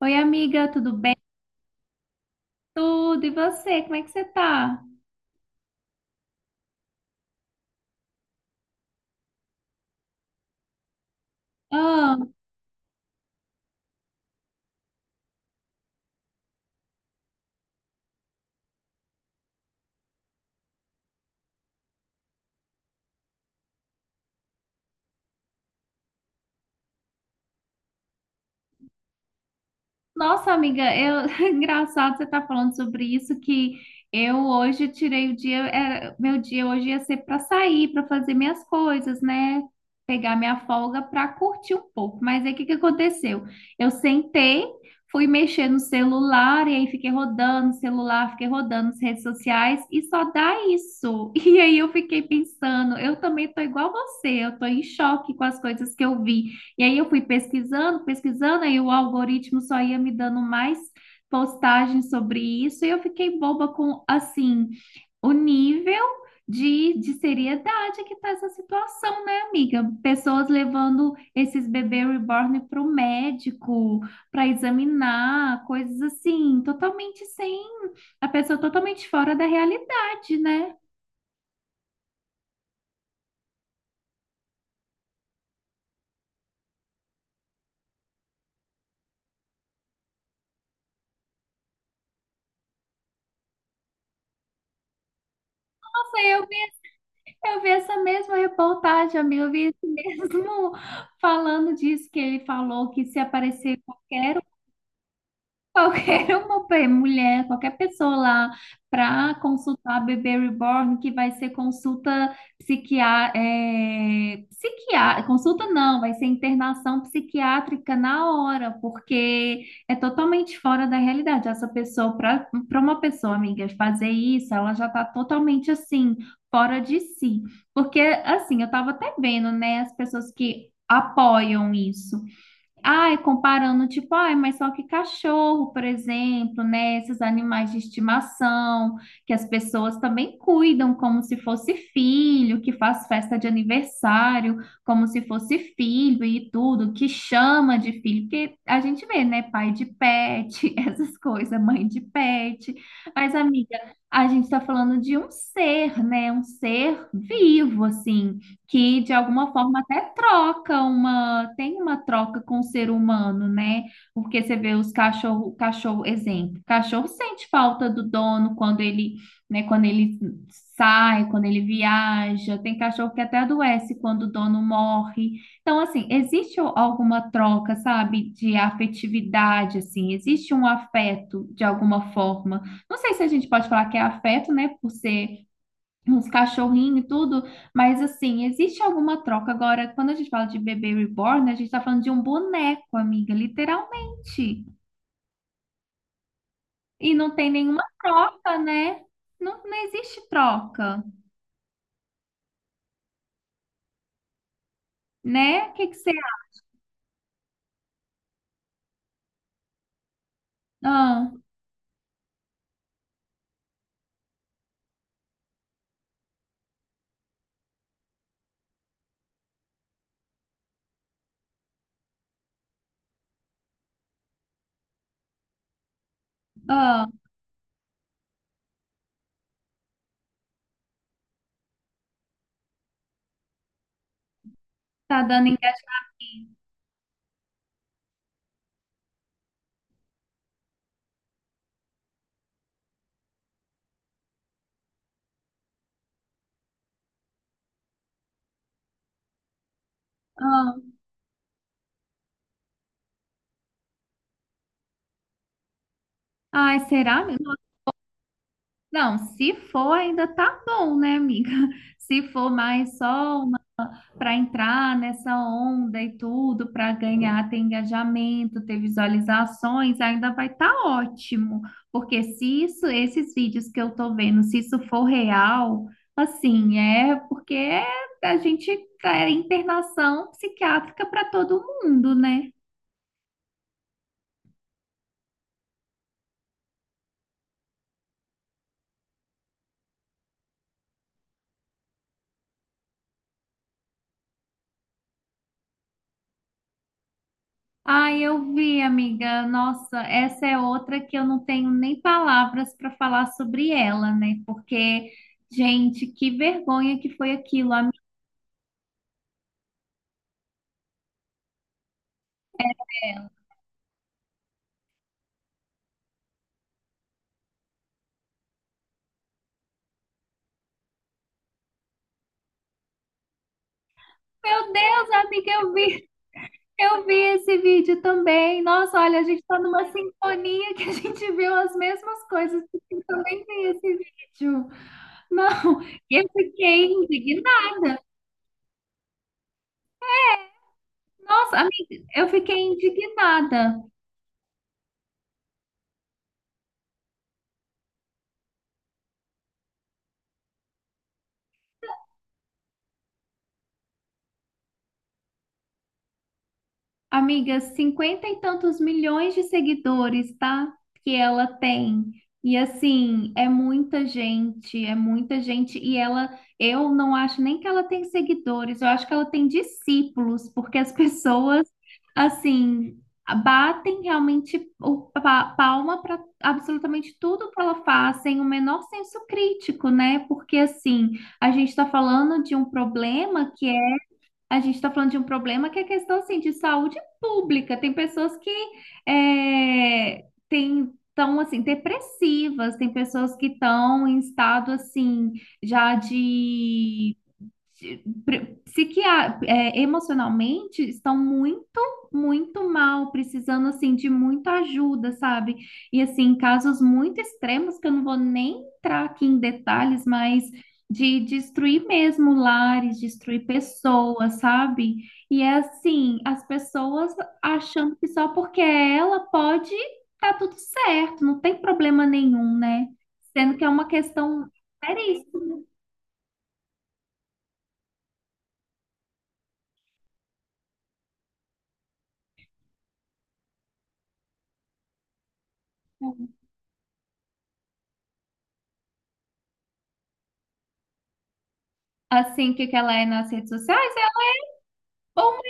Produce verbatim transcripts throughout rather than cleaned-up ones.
Oi, amiga, tudo bem? Tudo, e você? Como é que você tá? Ah, nossa, amiga, eu... engraçado você estar falando sobre isso, que eu hoje tirei o dia, era- meu dia hoje ia ser para sair, para fazer minhas coisas, né? Pegar minha folga para curtir um pouco. Mas aí o que que aconteceu? Eu sentei, fui mexer no celular, e aí fiquei rodando o celular, fiquei rodando as redes sociais, e só dá isso. E aí eu fiquei pensando, eu também tô igual você, eu tô em choque com as coisas que eu vi. E aí eu fui pesquisando, pesquisando, aí o algoritmo só ia me dando mais postagens sobre isso, e eu fiquei boba com, assim, o nível de, de seriedade que tá essa situação, né, amiga? Pessoas levando esses bebês reborn para o médico, para examinar, coisas assim, totalmente sem, a pessoa totalmente fora da realidade, né? Eu Eu vi essa mesma reportagem, amigo. Eu vi esse mesmo falando disso, que ele falou que se aparecer qualquer qualquer uma pe- mulher, qualquer pessoa lá para consultar a bebê reborn, que vai ser consulta psiquiá é, psiquiá- consulta não, vai ser internação psiquiátrica na hora, porque é totalmente fora da realidade. Essa pessoa, para para uma pessoa, amiga, fazer isso, ela já está totalmente assim, fora de si. Porque, assim, eu estava até vendo, né, as pessoas que apoiam isso. Ai, comparando, tipo, ai, mas só que cachorro, por exemplo, né? Esses animais de estimação, que as pessoas também cuidam como se fosse filho, que faz festa de aniversário como se fosse filho e tudo, que chama de filho, porque a gente vê, né? Pai de pet, essas coisas, mãe de pet. Mas, amiga, a gente tá falando de um ser, né? Um ser vivo, assim, que de alguma forma até troca uma, tem uma troca com o ser humano, né? Porque você vê os cachorro, cachorro, exemplo, cachorro sente falta do dono quando ele, né, quando ele sai, quando ele viaja, tem cachorro que até adoece quando o dono morre. Então, assim, existe alguma troca, sabe, de afetividade, assim, existe um afeto de alguma forma. Não sei se a gente pode falar que é afeto, né, por ser uns cachorrinhos e tudo, mas assim, existe alguma troca. Agora, quando a gente fala de bebê reborn, a gente tá falando de um boneco, amiga, literalmente. E não tem nenhuma troca, né? Não, não existe troca, né? O que que você acha? Ah, ah, tá dando engajamento. Ah, ai, será, amiga? Não, se for ainda tá bom, né, amiga? Se for mais só para entrar nessa onda e tudo, para ganhar, ter engajamento, ter visualizações, ainda vai estar ótimo. Porque se isso, esses vídeos que eu estou vendo, se isso for real, assim, é porque a gente é internação psiquiátrica para todo mundo, né? Ai, eu vi, amiga. Nossa, essa é outra que eu não tenho nem palavras para falar sobre ela, né? Porque, gente, que vergonha que foi aquilo, amiga. Meu Deus, amiga, eu vi, eu vi esse vídeo também. Nossa, olha, a gente tá numa sintonia que a gente viu as mesmas coisas, porque eu também vi esse vídeo. Não, eu fiquei indignada. Nossa, amiga, eu fiquei indignada. Amiga, cinquenta e tantos milhões de seguidores, tá? Que ela tem. E assim, é muita gente, é muita gente. E ela, eu não acho nem que ela tem seguidores, eu acho que ela tem discípulos, porque as pessoas, assim, batem realmente o pa- palma para absolutamente tudo que ela faz, sem o menor senso crítico, né? Porque assim, a gente está falando de um problema que é a gente está falando de um problema que é questão assim, de saúde pública. Tem pessoas que é, têm estão assim depressivas, tem pessoas que estão em estado assim já de pre- psiquia- é, emocionalmente estão muito, muito mal, precisando assim de muita ajuda, sabe? E assim, casos muito extremos que eu não vou nem entrar aqui em detalhes, mas de destruir mesmo lares, destruir pessoas, sabe? E é assim, as pessoas achando que só porque ela pode tá tudo certo, não tem problema nenhum, né? Sendo que é uma questão seríssima, né? Assim, o que que ela é nas redes sociais, ela é uma boa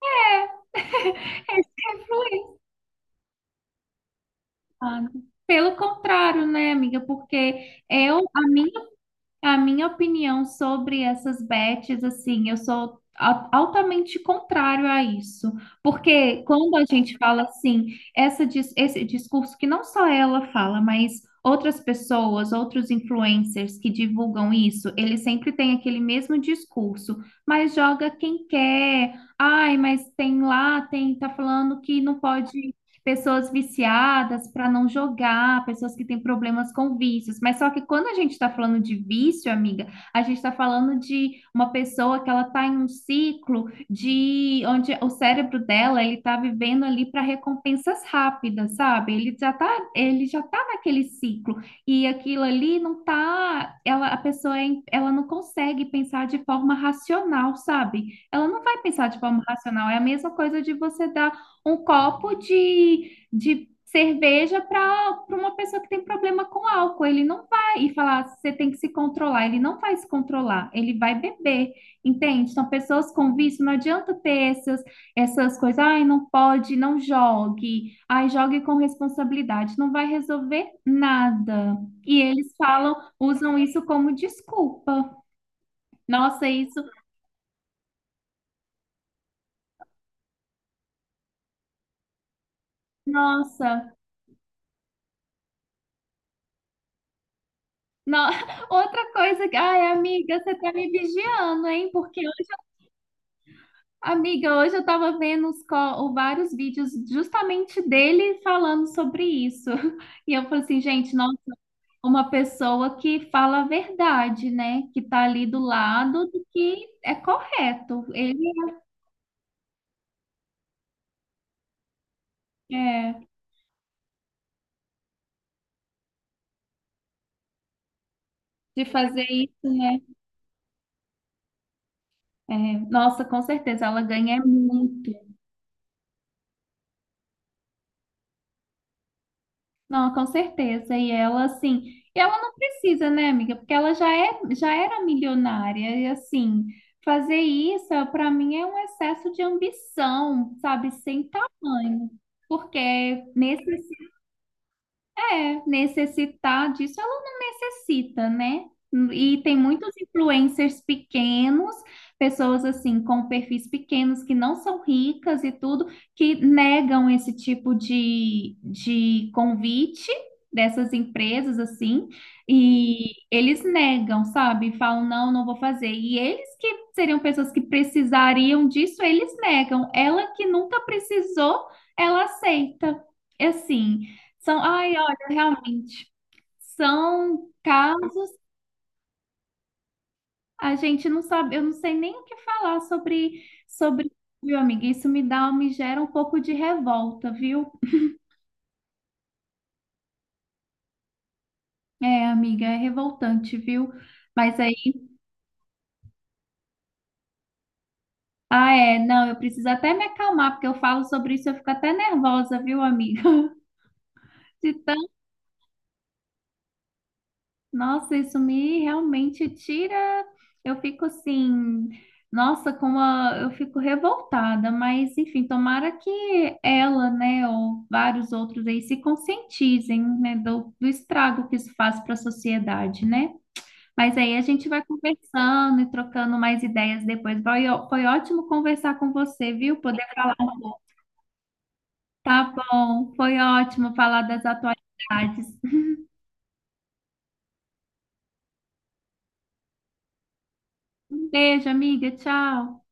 mulher. Esse é influenciado. Pelo contrário, né, amiga? Porque eu, a minha a minha opinião sobre essas bets, assim, eu sou a- altamente contrário a isso, porque quando a gente fala assim, essa, dis- esse discurso que não só ela fala, mas outras pessoas, outros influencers que divulgam isso, eles sempre têm aquele mesmo discurso, mas joga quem quer. Ai, mas tem lá, tem, tá falando que não pode pessoas viciadas para não jogar, pessoas que têm problemas com vícios. Mas só que quando a gente está falando de vício, amiga, a gente está falando de uma pessoa que ela está em um ciclo de onde o cérebro dela ele está vivendo ali para recompensas rápidas, sabe? Ele já tá, ele já tá naquele ciclo e aquilo ali não tá, ela, a pessoa é in- ela não consegue pensar de forma racional, sabe? Ela não vai pensar de forma racional. É a mesma coisa de você dar um copo de, de cerveja para uma pessoa que tem problema com álcool. Ele não vai e falar, você tem que se controlar. Ele não vai se controlar, ele vai beber, entende? Então, pessoas com vício, não adianta ter essas, essas coisas, ai, não pode, não jogue, ai, jogue com responsabilidade. Não vai resolver nada. E eles falam, usam isso como desculpa. Nossa, isso, nossa. Não, outra coisa que, ai, amiga, você tá me vigiando, hein? Porque hoje, amiga, hoje eu tava vendo os, co- o- vários vídeos justamente dele falando sobre isso. E eu falei assim, gente, não, uma pessoa que fala a verdade, né? Que tá ali do lado do que é correto. Ele é de fazer isso, né? É, nossa, com certeza, ela ganha muito. Não, com certeza. E ela, assim, e ela não precisa, né, amiga? Porque ela já é, já era milionária. E, assim, fazer isso, para mim, é um excesso de ambição, sabe? Sem tamanho. Porque nesse é, necessitar disso, ela não necessita, né? E tem muitos influencers pequenos, pessoas assim, com perfis pequenos, que não são ricas e tudo, que negam esse tipo de, de convite dessas empresas, assim, e eles negam, sabe? Falam, não, não vou fazer. E eles que seriam pessoas que precisariam disso, eles negam. Ela que nunca precisou, ela aceita. Assim. São, ai, realmente. São casos, a gente não sabe, eu não sei nem o que falar sobre, sobre, viu, amiga? Isso me dá, me gera um pouco de revolta, viu? É, amiga, é revoltante, viu? Mas aí, ah, é, não, eu preciso até me acalmar, porque eu falo sobre isso, eu fico até nervosa, viu, amiga? De nossa, isso me realmente tira. Eu fico assim, nossa, como a- eu fico revoltada, mas enfim, tomara que ela, né, ou vários outros aí se conscientizem, né, do, do estrago que isso faz para a sociedade, né? Mas aí a gente vai conversando e trocando mais ideias depois. Foi, ó- foi ótimo conversar com você, viu? Poder falar um pouco. Tá bom, foi ótimo falar das atualidades. Um beijo, amiga, tchau.